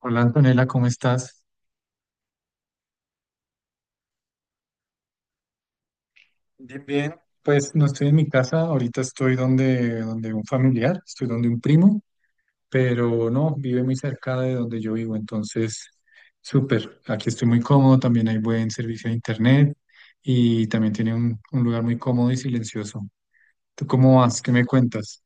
Hola Antonella, ¿cómo estás? Bien, bien. Pues no estoy en mi casa, ahorita estoy donde un familiar, estoy donde un primo, pero no, vive muy cerca de donde yo vivo, entonces súper. Aquí estoy muy cómodo, también hay buen servicio de internet y también tiene un lugar muy cómodo y silencioso. ¿Tú cómo vas? ¿Qué me cuentas?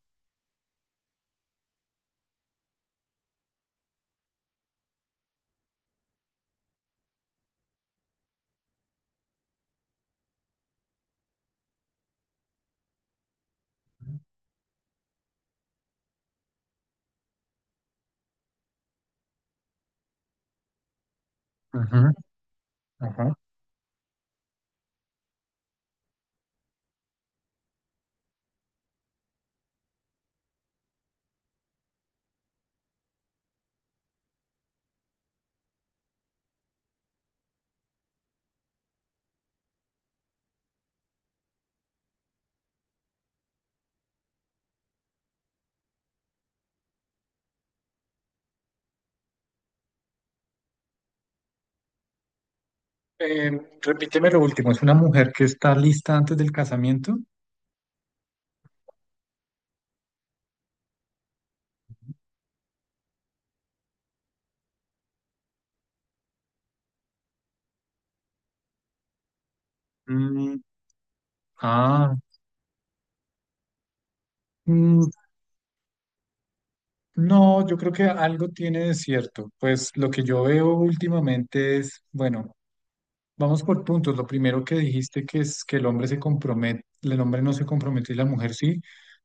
Ajá, ajá. Eh, Repíteme lo último, ¿es una mujer que está lista antes del casamiento? Mm, ah, No, yo creo que algo tiene de cierto. Pues lo que yo veo últimamente es, bueno, vamos por puntos. Lo primero que dijiste que es que el hombre se compromete, el hombre no se compromete y la mujer sí.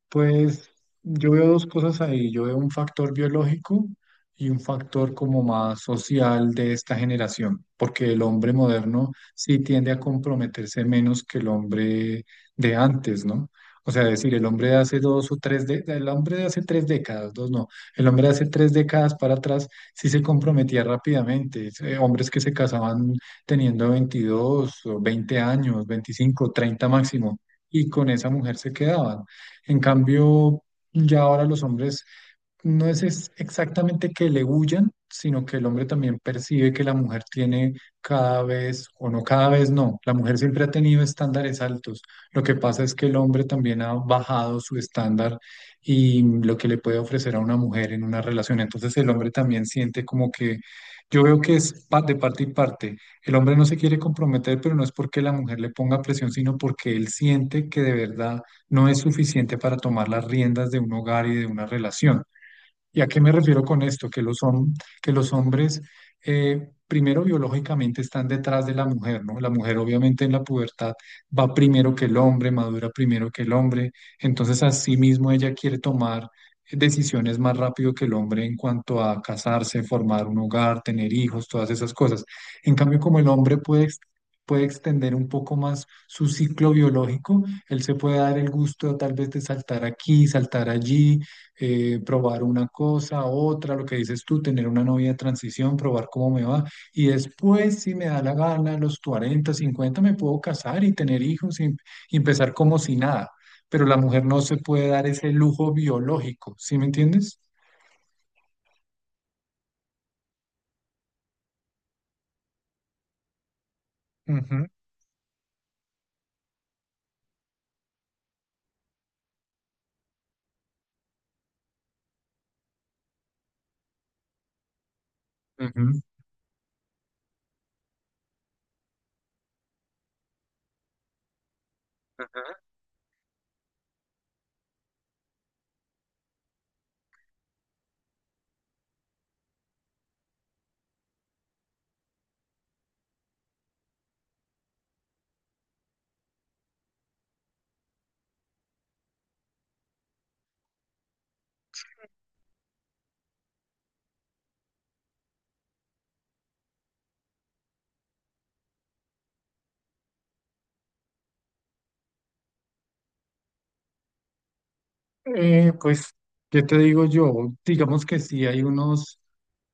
Pues yo veo dos cosas ahí. Yo veo un factor biológico y un factor como más social de esta generación, porque el hombre moderno sí tiende a comprometerse menos que el hombre de antes, ¿no? O sea, decir, el hombre de hace dos o tres, el hombre de hace tres décadas, dos no, el hombre de hace tres décadas para atrás sí se comprometía rápidamente. Hombres que se casaban teniendo 22 o 20 años, 25, 30 máximo, y con esa mujer se quedaban. En cambio, ya ahora los hombres no es exactamente que le huyan, sino que el hombre también percibe que la mujer tiene cada vez, o no cada vez no, la mujer siempre ha tenido estándares altos. Lo que pasa es que el hombre también ha bajado su estándar y lo que le puede ofrecer a una mujer en una relación. Entonces el hombre también siente como que yo veo que es de parte y parte. El hombre no se quiere comprometer, pero no es porque la mujer le ponga presión, sino porque él siente que de verdad no es suficiente para tomar las riendas de un hogar y de una relación. ¿Y a qué me refiero con esto? Que que los hombres, primero biológicamente, están detrás de la mujer, ¿no? La mujer obviamente en la pubertad va primero que el hombre, madura primero que el hombre, entonces así mismo ella quiere tomar decisiones más rápido que el hombre en cuanto a casarse, formar un hogar, tener hijos, todas esas cosas. En cambio, como el hombre puede, puede extender un poco más su ciclo biológico, él se puede dar el gusto tal vez de saltar aquí, saltar allí, probar una cosa, otra, lo que dices tú, tener una novia de transición, probar cómo me va. Y después, si me da la gana, a los 40 50 me puedo casar y tener hijos y empezar como si nada. Pero la mujer no se puede dar ese lujo biológico, ¿sí me entiendes? Ujú, ujú. Eh, pues, ¿Qué te digo yo? Digamos que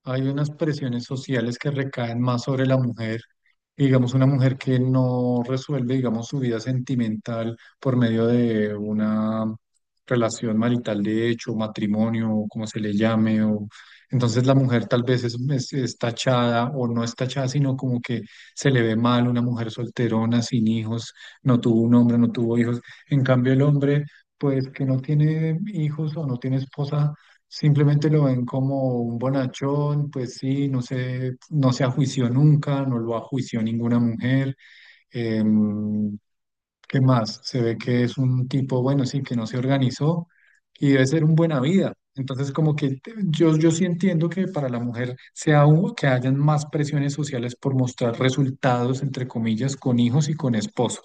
hay unas presiones sociales que recaen más sobre la mujer. Digamos, una mujer que no resuelve, digamos, su vida sentimental por medio de una relación marital de hecho, matrimonio, o como se le llame, o entonces la mujer tal vez es tachada o no es tachada, sino como que se le ve mal una mujer solterona, sin hijos, no tuvo un hombre, no tuvo hijos. En cambio, el hombre pues que no tiene hijos o no tiene esposa, simplemente lo ven como un bonachón, pues sí, no se ajuició nunca, no lo ajuició ninguna mujer. em, ¿Qué más? Se ve que es un tipo, bueno, sí, que no se organizó y debe ser un buena vida. Entonces, como que te- yo sí entiendo que para la mujer sea que hayan más presiones sociales por mostrar resultados, entre comillas, con hijos y con esposo.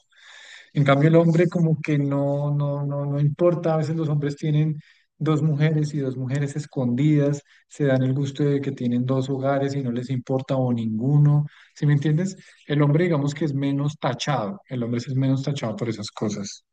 En cambio, el hombre como que no, no, no importa. A veces los hombres tienen dos mujeres y dos mujeres escondidas, se dan el gusto de que tienen dos hogares y no les importa o ninguno. ¿Sí me entiendes? El hombre digamos que es menos tachado. El hombre sí es menos tachado por esas cosas.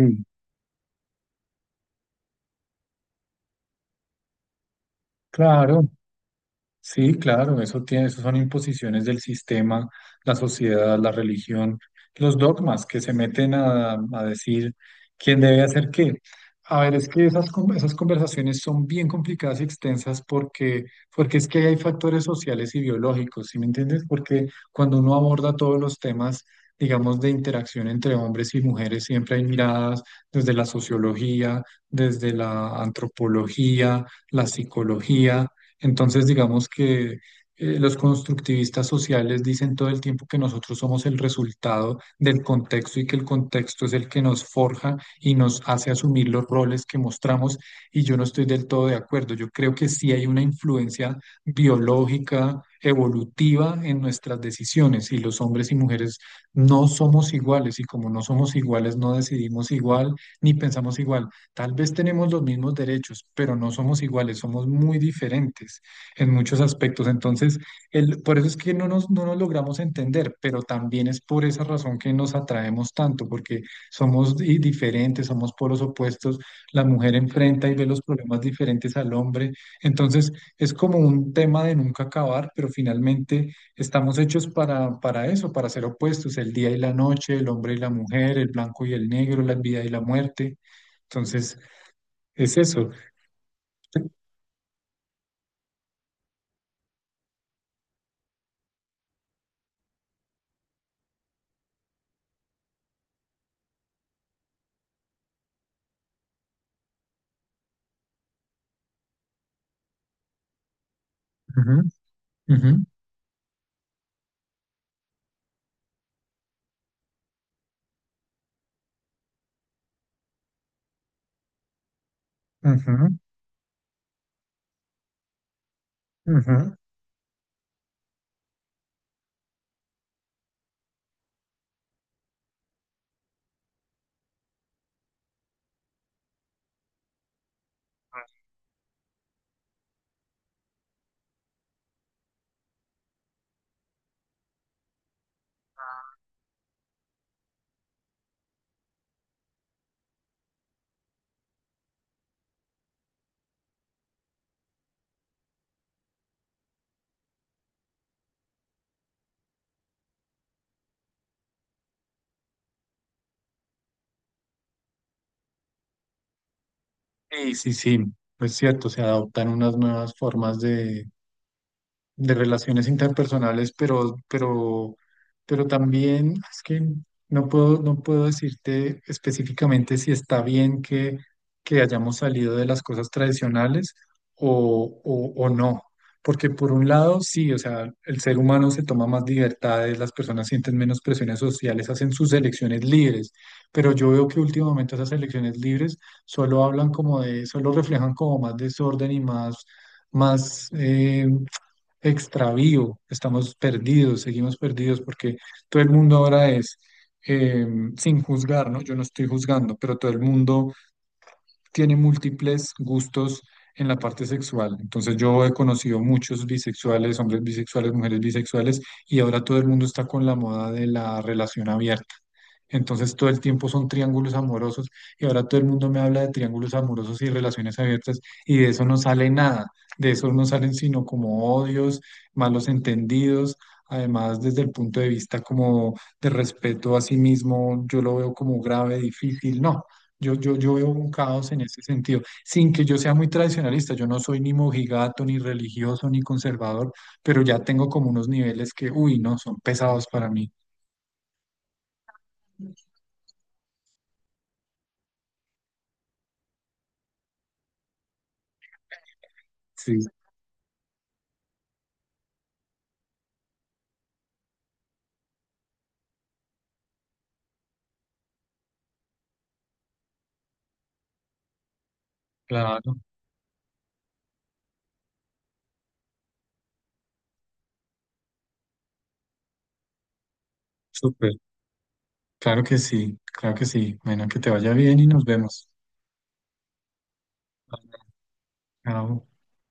Mm. Claro. Sí, claro, eso tiene, eso son imposiciones del sistema, la sociedad, la religión, los dogmas que se meten a decir quién debe hacer qué. A ver, es que esas conversaciones son bien complicadas y extensas porque es que hay factores sociales y biológicos, ¿sí me entiendes? Porque cuando uno aborda todos los temas, digamos, de interacción entre hombres y mujeres, siempre hay miradas desde la sociología, desde la antropología, la psicología, entonces, digamos que los constructivistas sociales dicen todo el tiempo que nosotros somos el resultado del contexto y que el contexto es el que nos forja y nos hace asumir los roles que mostramos y yo no estoy del todo de acuerdo. Yo creo que sí hay una influencia biológica, evolutiva en nuestras decisiones y los hombres y mujeres no somos iguales y como no somos iguales no decidimos igual ni pensamos igual. Tal vez tenemos los mismos derechos, pero no somos iguales, somos muy diferentes en muchos aspectos. Entonces, el, por eso es que no nos logramos entender, pero también es por esa razón que nos atraemos tanto, porque somos diferentes, somos polos opuestos. La mujer enfrenta y ve los problemas diferentes al hombre. Entonces, es como un tema de nunca acabar, pero finalmente estamos hechos para eso, para ser opuestos, el día y la noche, el hombre y la mujer, el blanco y el negro, la vida y la muerte. Entonces, es eso. Ujú, ujú, ujú, ujú. Sí, sí, sí, es cierto, se adoptan unas nuevas formas de relaciones interpersonales, pero también es que no puedo, no puedo decirte específicamente si está bien que hayamos salido de las cosas tradicionales o no. Porque por un lado, sí, o sea, el ser humano se toma más libertades, las personas sienten menos presiones sociales, hacen sus elecciones libres, pero yo veo que últimamente esas elecciones libres solo hablan como de, solo reflejan como más desorden y más, eh, extravío, estamos perdidos, seguimos perdidos, porque todo el mundo ahora es, eh, sin juzgar, ¿no? Yo no estoy juzgando, pero todo el mundo tiene múltiples gustos en la parte sexual. Entonces yo he conocido muchos bisexuales, hombres bisexuales, mujeres bisexuales, y ahora todo el mundo está con la moda de la relación abierta. Entonces todo el tiempo son triángulos amorosos y ahora todo el mundo me habla de triángulos amorosos y relaciones abiertas y de eso no sale nada, de eso no salen sino como odios, malos entendidos, además desde el punto de vista como de respeto a sí mismo, yo lo veo como grave, difícil, no. Yo veo un caos en ese sentido, sin que yo sea muy tradicionalista, yo no soy ni mojigato, ni religioso, ni conservador, pero ya tengo como unos niveles que, uy, no, son pesados para mí. Sí, claro, súper, claro que sí, claro que sí. Bueno, que te vaya bien y nos vemos. Chao.